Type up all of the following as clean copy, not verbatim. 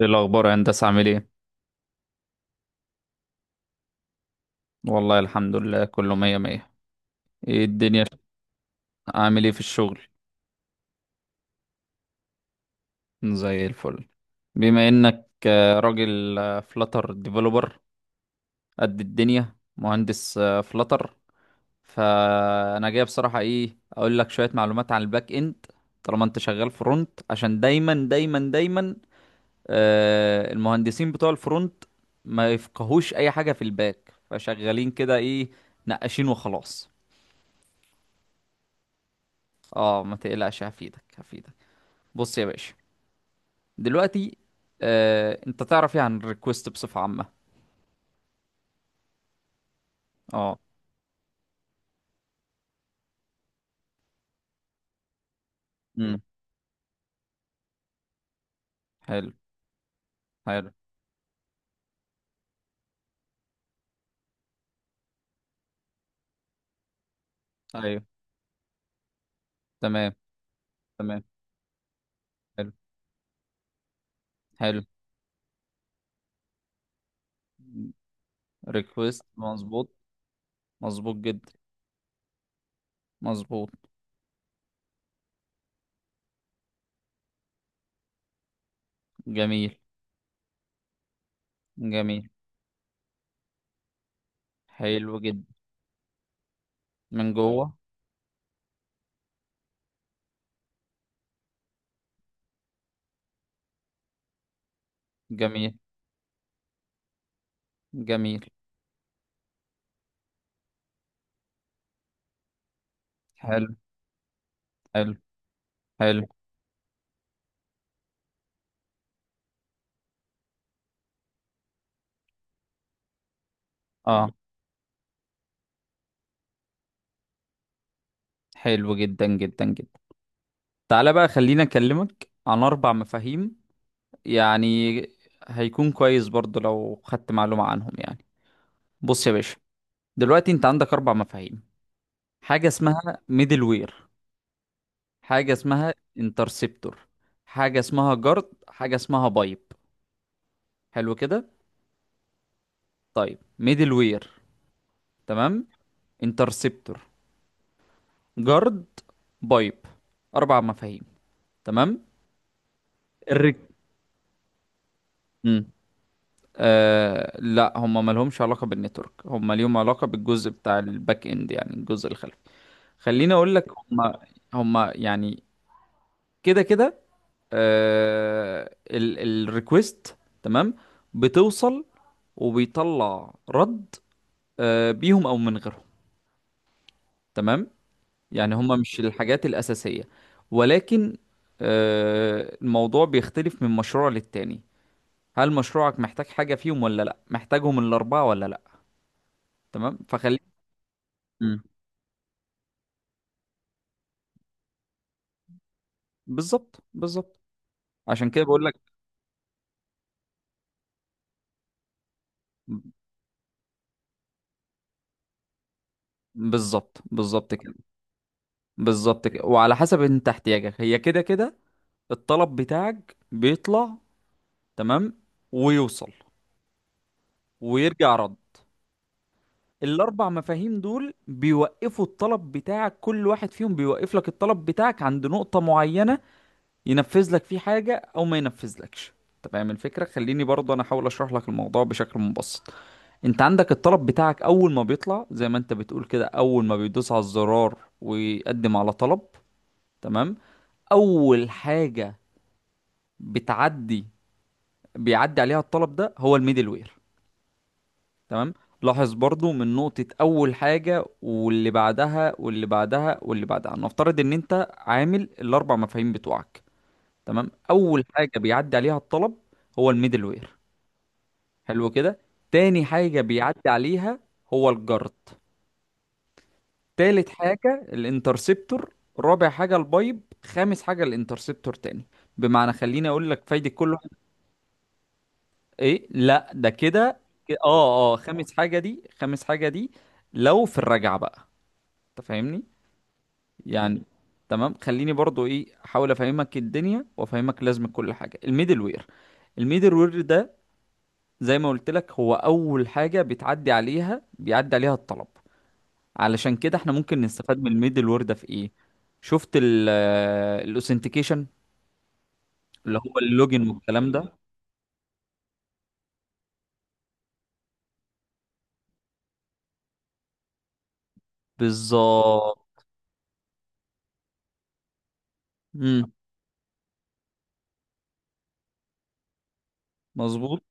ايه الاخبار يا هندسه؟ عامل ايه؟ والله الحمد لله، كله مية مية. ايه الدنيا؟ عامل ايه في الشغل؟ زي الفل. بما انك راجل فلاتر ديفلوبر، قد الدنيا مهندس فلاتر. فانا جاي بصراحه اقول لك شويه معلومات عن الباك اند. طالما انت شغال فرونت، عشان دايما دايما دايما المهندسين بتوع الفرونت ما يفقهوش اي حاجه في الباك، فشغالين كده ايه، نقاشين وخلاص. اه ما تقلقش، هفيدك هفيدك. بص يا باشا، دلوقتي، انت تعرف ايه عن الريكوست بصفة عامة؟ اه. امم. حلو. حلو، ايوه، تمام. تمام، حلو، حلو. ريكوست، مظبوط. مظبوط جدا. مظبوط. جميل، جميل، حلو جدا. من جوه. جميل، جميل. حلو، حلو، حلو. اه. حلو جدا جدا جدا. تعالى بقى، خلينا اكلمك عن اربع مفاهيم يعني. هيكون كويس برضو لو خدت معلومة عنهم يعني. بص يا باشا، دلوقتي انت عندك اربع مفاهيم. حاجه اسمها ميدل وير، حاجه اسمها انترسبتور، حاجه اسمها جارد، حاجه اسمها بايب. حلو كده. طيب، ميدل وير، تمام. انترسبتور، جارد، بايب. اربع مفاهيم، تمام. الرك. مم. لا، هم مالهمش علاقه بالنتورك، هم ليهم علاقه بالجزء بتاع الباك اند، يعني الجزء الخلفي. خليني اقول لك. هم هم يعني كده كده. الريكوست تمام، بتوصل، وبيطلع رد، بيهم او من غيرهم، تمام. يعني هما مش الحاجات الاساسيه، ولكن الموضوع بيختلف من مشروع للتاني. هل مشروعك محتاج حاجه فيهم ولا لا، محتاجهم الاربعه ولا لا؟ تمام، فخلي. مم. بالظبط بالظبط. عشان كده بقول لك. بالظبط بالظبط كده. بالظبط كده، وعلى حسب انت احتياجك، هي كده كده. الطلب بتاعك بيطلع، تمام، ويوصل، ويرجع رد. الاربع مفاهيم دول بيوقفوا الطلب بتاعك، كل واحد فيهم بيوقف لك الطلب بتاعك عند نقطة معينة، ينفذ لك فيه حاجة او ما ينفذلكش. انت فاهم الفكرة؟ خليني برضه انا احاول اشرح لك الموضوع بشكل مبسط. انت عندك الطلب بتاعك، اول ما بيطلع زي ما انت بتقول كده، اول ما بيدوس على الزرار ويقدم على طلب. تمام، اول حاجة بتعدي بيعدي عليها الطلب ده، هو الميدل وير. تمام، لاحظ برضو، من نقطة أول حاجة واللي بعدها واللي بعدها واللي بعدها، نفترض إن أنت عامل الأربع مفاهيم بتوعك. تمام، أول حاجة بيعدي عليها الطلب هو الميدل وير. حلو كده. تاني حاجة بيعدي عليها هو الجارد. تالت حاجة الانترسبتور. رابع حاجة البايب، خامس حاجة الانترسبتور تاني. بمعنى، خليني أقول لك فايدة كل واحد. إيه، لا ده كده. خامس حاجة دي، خامس حاجة دي. لو في الرجعة بقى، انت فاهمني؟ يعني، تمام، خليني برضو احاول افهمك الدنيا وافهمك لازمة كل حاجة. الميدل وير، الميدل وير ده، زي ما قلت لك، هو اول حاجة بتعدي عليها بيعدي عليها الطلب. علشان كده احنا ممكن نستفاد من الميدل وير ده في ايه؟ شفت؟ الاوثنتيكيشن، اللي هو اللوجن والكلام ده. بالظبط. امم. مظبوط.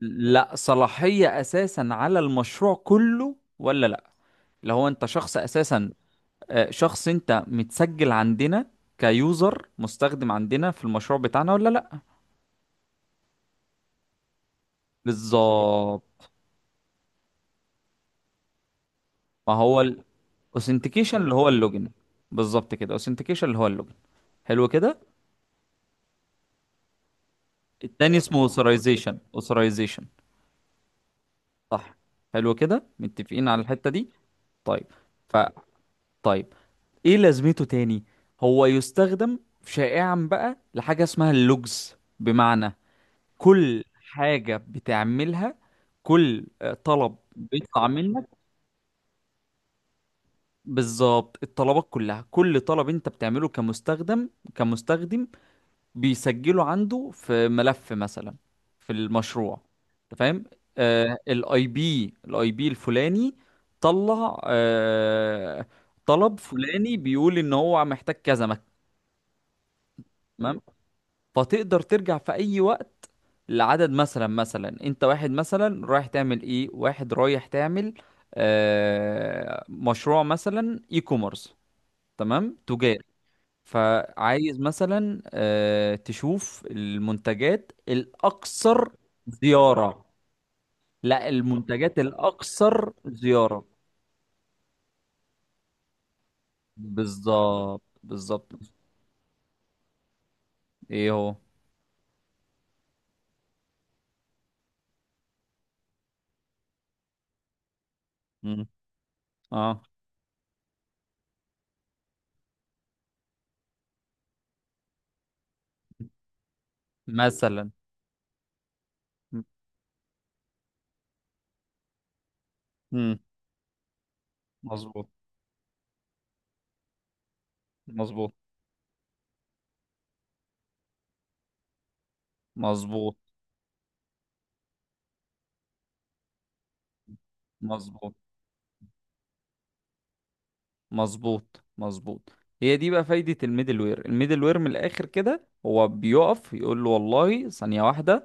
لا، صلاحية اساسا على المشروع كله ولا لا، لو هو انت شخص اساسا، شخص انت متسجل عندنا، كيوزر مستخدم عندنا في المشروع بتاعنا ولا لا؟ بالظبط. ما هو الاوثنتيكيشن اللي هو اللوجن. بالظبط كده، اوثنتيكيشن اللي هو اللوجن. حلو كده. التاني اسمه اوثرايزيشن، اوثرايزيشن. صح. حلو كده، متفقين على الحتة دي. طيب. ف طيب، ايه لازمته تاني؟ هو يستخدم شائعا بقى لحاجة اسمها اللوجز، بمعنى كل حاجة بتعملها، كل طلب بيطلع منك. بالظبط، الطلبات كلها، كل طلب انت بتعمله كمستخدم، بيسجله عنده في ملف مثلا، في المشروع. انت فاهم؟ الاي بي الفلاني، طلع طلب فلاني بيقول ان هو محتاج كذا تمام، فتقدر ترجع في اي وقت. العدد مثلا، انت واحد مثلا رايح تعمل ايه، واحد رايح تعمل مشروع مثلا اي كوميرس، تمام، تجاري. فعايز مثلا تشوف المنتجات الاكثر زيارة؟ لا، المنتجات الاكثر زيارة. بالظبط بالظبط. ايه هو؟ مم. اه، مثلا. مم. مظبوط، مظبوط، مظبوط، مظبوط، مظبوط، مظبوط. هي دي بقى فايدة الميدل وير. الميدل وير من الآخر كده، هو بيقف يقول له والله ثانية واحدة،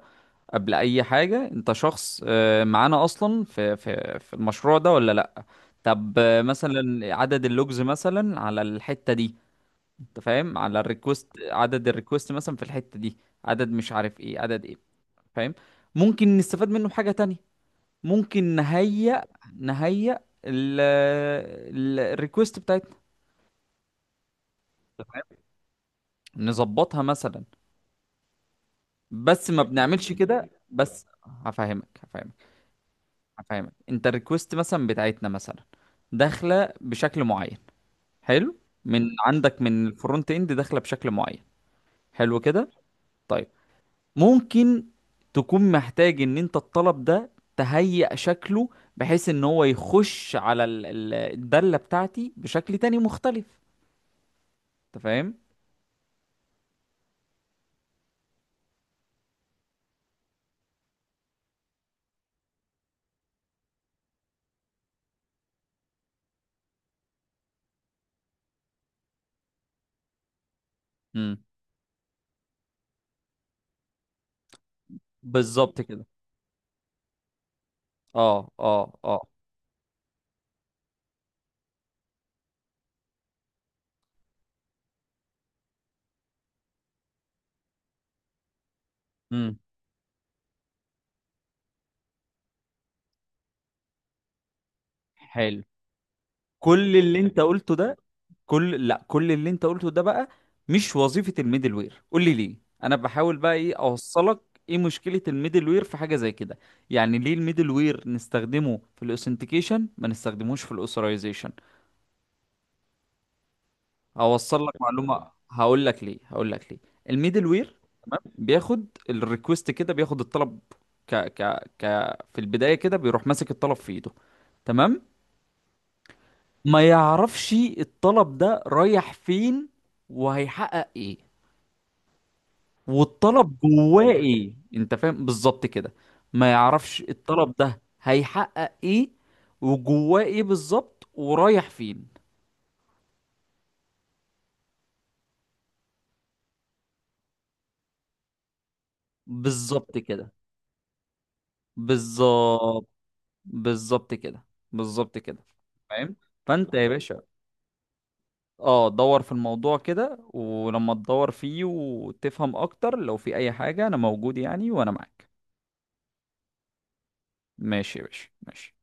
قبل أي حاجة، أنت شخص معانا أصلا في المشروع ده ولا لأ؟ طب، مثلا عدد اللوجز مثلا على الحتة دي، أنت فاهم، على الريكوست عدد الريكوست مثلا في الحتة دي، عدد مش عارف إيه، عدد إيه. فاهم. ممكن نستفاد منه بحاجة تانية. ممكن نهيأ ال- الريكوست بتاعتنا، نظبطها مثلا. بس ما بنعملش كده، بس هفهمك هفهمك. هفهمك، انت الريكوست مثلا بتاعتنا مثلا داخله بشكل معين. حلو، من عندك من الفرونت اند داخله بشكل معين. حلو كده. طيب، ممكن تكون محتاج ان انت الطلب ده تهيئ شكله، بحيث ان هو يخش على الدالة بتاعتي بشكل تاني مختلف. انت فاهم؟ امم. بالظبط كده. اه، اه، اه. امم. حلو، كل اللي انت قلته ده، كل لا كل اللي انت قلته ده بقى مش وظيفة الميدل وير، قول لي ليه. انا بحاول بقى اوصلك، ايه مشكلة الميدل وير في حاجة زي كده؟ يعني ليه الميدل وير نستخدمه في الاوثنتيكيشن، ما نستخدموش في الاوثرايزيشن؟ اوصل لك معلومة، هقول لك ليه، هقول لك ليه. الميدل وير بياخد الريكوست كده، بياخد الطلب، ك ك ك في البداية كده، بيروح ماسك الطلب في ايده. تمام، ما يعرفش الطلب ده رايح فين، وهيحقق ايه، والطلب جواه ايه. انت فاهم؟ بالظبط كده. ما يعرفش الطلب ده هيحقق ايه، وجواه ايه بالظبط، ورايح فين. بالظبط كده. بالظبط بالظبط كده. بالظبط كده. فاهم. فانت يا باشا، اه دور في الموضوع كده، ولما تدور فيه وتفهم اكتر، لو في اي حاجة انا موجود، يعني وانا معاك. ماشي يا باشا، ماشي.